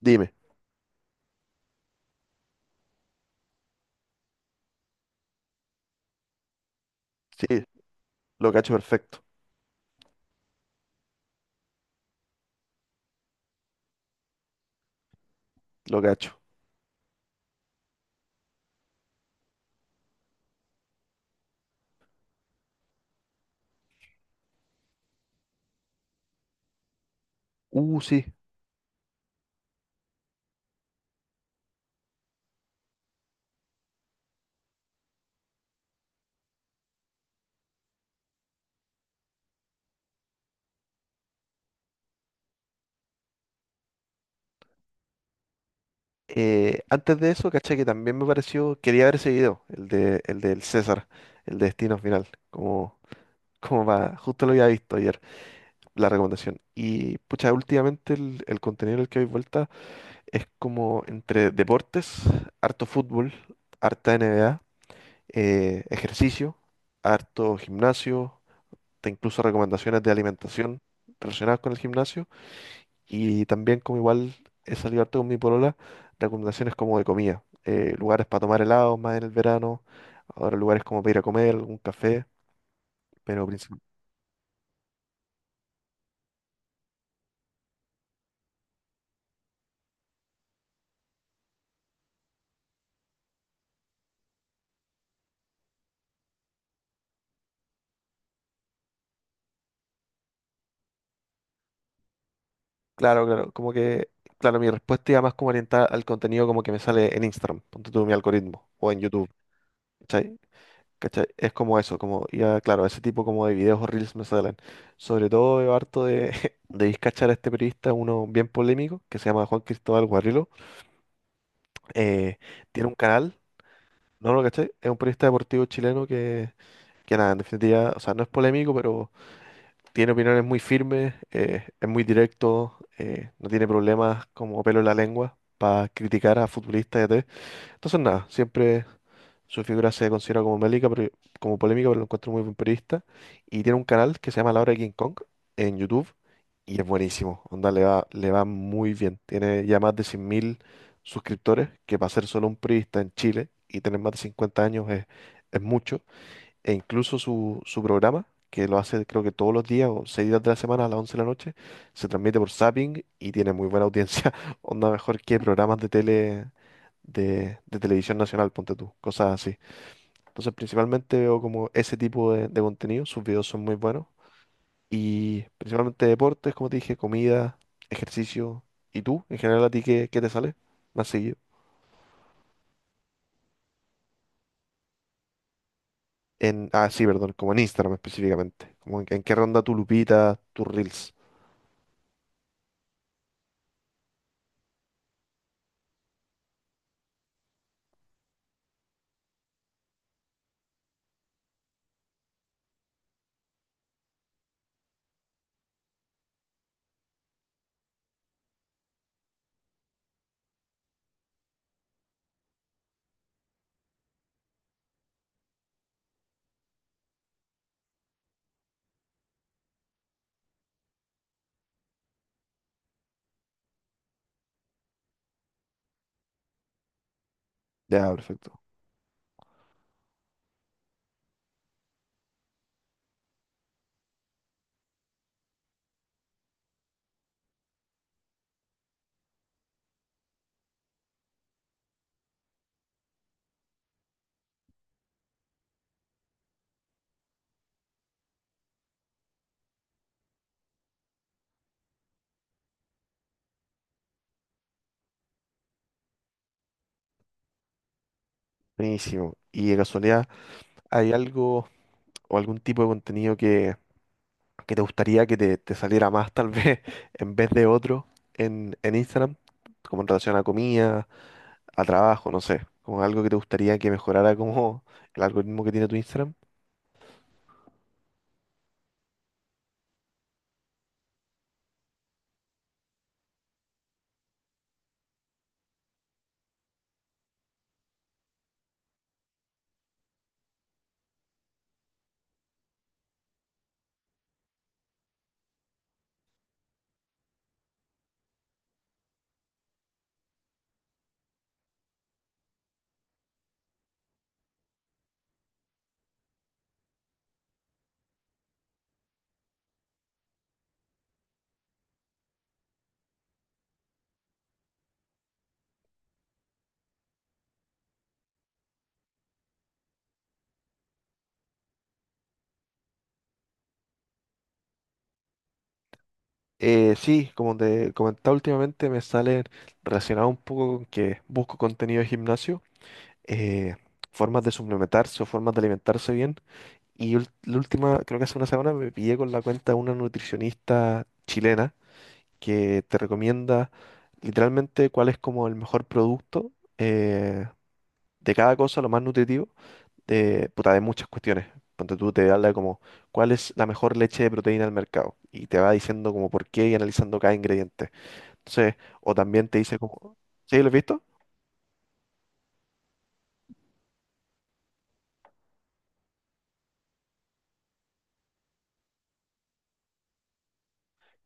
Dime, sí, lo cacho perfecto, lo cacho. Sí. Antes de eso, caché que también me pareció, quería ver ese video, el del César, el de Destino Final, como, como va, justo lo había visto ayer, la recomendación. Y pucha, últimamente el contenido en el que doy vuelta es como entre deportes, harto fútbol, harta NBA, ejercicio, harto gimnasio, te incluso recomendaciones de alimentación relacionadas con el gimnasio. Y también como igual he salido harto con mi polola, recomendaciones como de comida. Lugares para tomar helados más en el verano, ahora lugares como para ir a comer, algún café, pero claro, claro, claro, mi respuesta iba más como orientada al contenido como que me sale en Instagram, ponte tú mi algoritmo, o en YouTube, ¿cachai? ¿Cachai? Es como eso, como, ya, claro, ese tipo como de videos o reels me salen. Sobre todo veo harto de, de discachar a este periodista, uno bien polémico, que se llama Juan Cristóbal Guarrilo. eh, Tiene un canal. No lo cachai, es un periodista deportivo chileno que nada, en definitiva, o sea, no es polémico, pero tiene opiniones muy firmes, es muy directo, no tiene problemas como pelo en la lengua para criticar a futbolistas y a entonces, nada, siempre su figura se considera como mélica, pero, como polémica, pero lo encuentro muy buen periodista. Y tiene un canal que se llama La Hora de King Kong en YouTube y es buenísimo. Onda, le va muy bien. Tiene ya más de 100.000 suscriptores, que para ser solo un periodista en Chile y tener más de 50 años es mucho. E incluso su programa, que lo hace creo que todos los días o seis días de la semana a las 11 de la noche, se transmite por Zapping y tiene muy buena audiencia, onda mejor que programas de tele de televisión nacional, ponte tú, cosas así. Entonces principalmente veo como ese tipo de contenido, sus videos son muy buenos y principalmente deportes, como te dije, comida, ejercicio. Y tú, en general a ti, qué te sale más seguido? En, ah, sí, perdón, como en Instagram específicamente. Como en qué ronda tu Lupita, tus Reels. Ya, perfecto. Buenísimo. Y de casualidad, ¿hay algo o algún tipo de contenido que te gustaría que te saliera más, tal vez, en vez de otro en Instagram? Como en relación a comida, a trabajo, no sé. Como algo que te gustaría que mejorara como el algoritmo que tiene tu Instagram. Sí, como te comentaba últimamente, me sale relacionado un poco con que busco contenido de gimnasio, eh, formas de suplementarse o formas de alimentarse bien. Y la última, creo que hace una semana, me pillé con la cuenta de una nutricionista chilena que te recomienda literalmente cuál es como el mejor producto, eh, de cada cosa, lo más nutritivo, de, puta, de muchas cuestiones. Ponte tú, te habla de como cuál es la mejor leche de proteína del mercado y te va diciendo como por qué y analizando cada ingrediente. Entonces, o también te dice como, ¿sí lo has visto?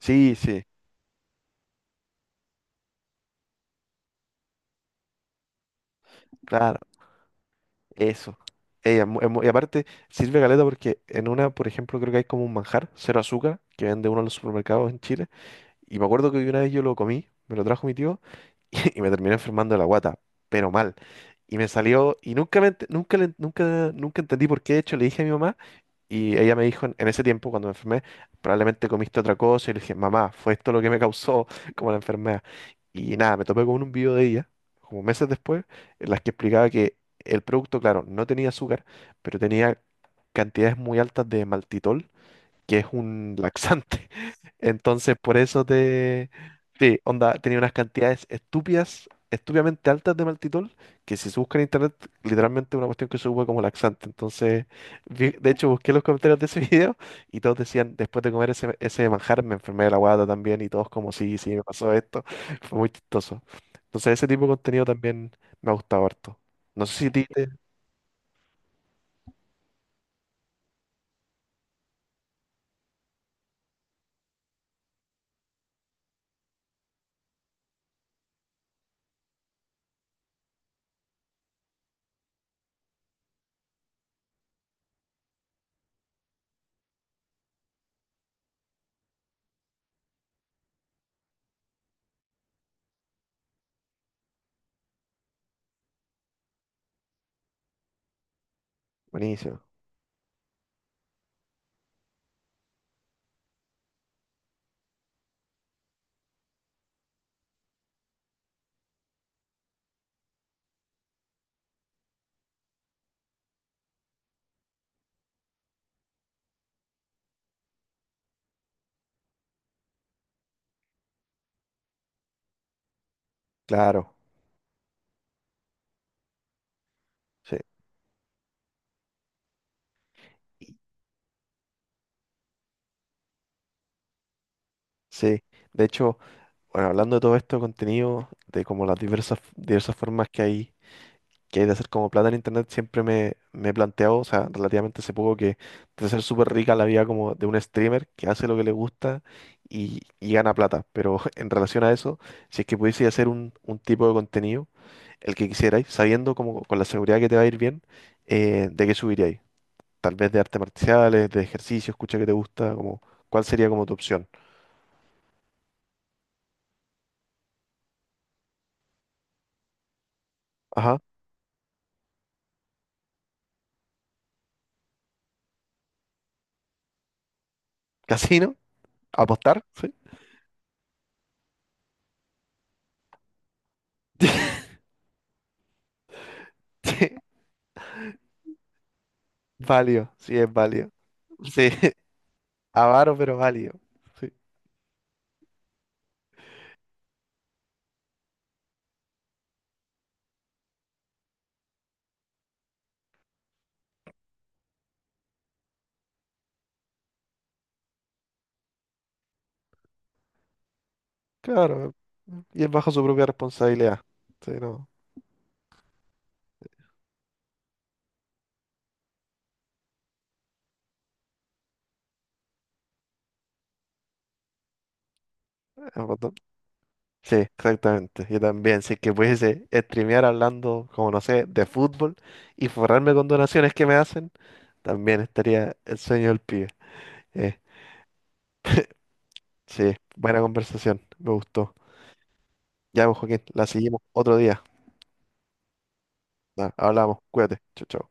Sí, sí, claro. Eso. Ey, y aparte, sirve caleta porque en una, por ejemplo, creo que hay como un manjar, cero azúcar, que vende uno en los supermercados en Chile. Y me acuerdo que una vez yo lo comí, me lo trajo mi tío, y, me terminé enfermando de la guata, pero mal. Y me salió, y nunca, nunca, nunca, nunca entendí por qué. De hecho, le dije a mi mamá, y ella me dijo, en ese tiempo, cuando me enfermé, probablemente comiste otra cosa. Y le dije, mamá, fue esto lo que me causó como la enfermedad. Y nada, me topé con un video de ella, como meses después, en las que explicaba que el producto, claro, no tenía azúcar, pero tenía cantidades muy altas de maltitol, que es un laxante. Entonces, por eso te... Sí, onda, tenía unas cantidades estúpidas, estúpidamente altas de maltitol, que si se busca en internet, literalmente es una cuestión que se usa como laxante. Entonces, de hecho, busqué los comentarios de ese video y todos decían, después de comer ese manjar, me enfermé de la guata también y todos como, sí, sí, me pasó esto. Fue muy chistoso. Entonces, ese tipo de contenido también me ha gustado harto. No sé si a ti te... Buenísimo. Claro, sí. Sí, de hecho, bueno, hablando de todo esto, contenido, de como las diversas, diversas formas que hay de hacer como plata en internet, siempre me he planteado, o sea, relativamente hace poco que debe ser súper rica la vida como de un streamer que hace lo que le gusta y gana plata. Pero en relación a eso, si es que pudiese hacer un tipo de contenido, el que quisierais, sabiendo como con la seguridad que te va a ir bien, ¿de qué subiríais? Tal vez de artes marciales, de ejercicio, escucha que te gusta, como, ¿cuál sería como tu opción? Ajá, casino, apostar, ¿sí? Válido, sí, es válido. Sí, avaro, pero válido. Sí, claro. Y es bajo su propia responsabilidad. Sí, no, es verdad. Sí, exactamente. Yo también, si es que pudiese streamear hablando, como no sé, de fútbol y forrarme con donaciones que me hacen, también estaría el sueño del pibe. Eh, sí, buena conversación, me gustó. Ya, pues, Joaquín, la seguimos otro día. Nah, hablamos, cuídate. Chau, chau.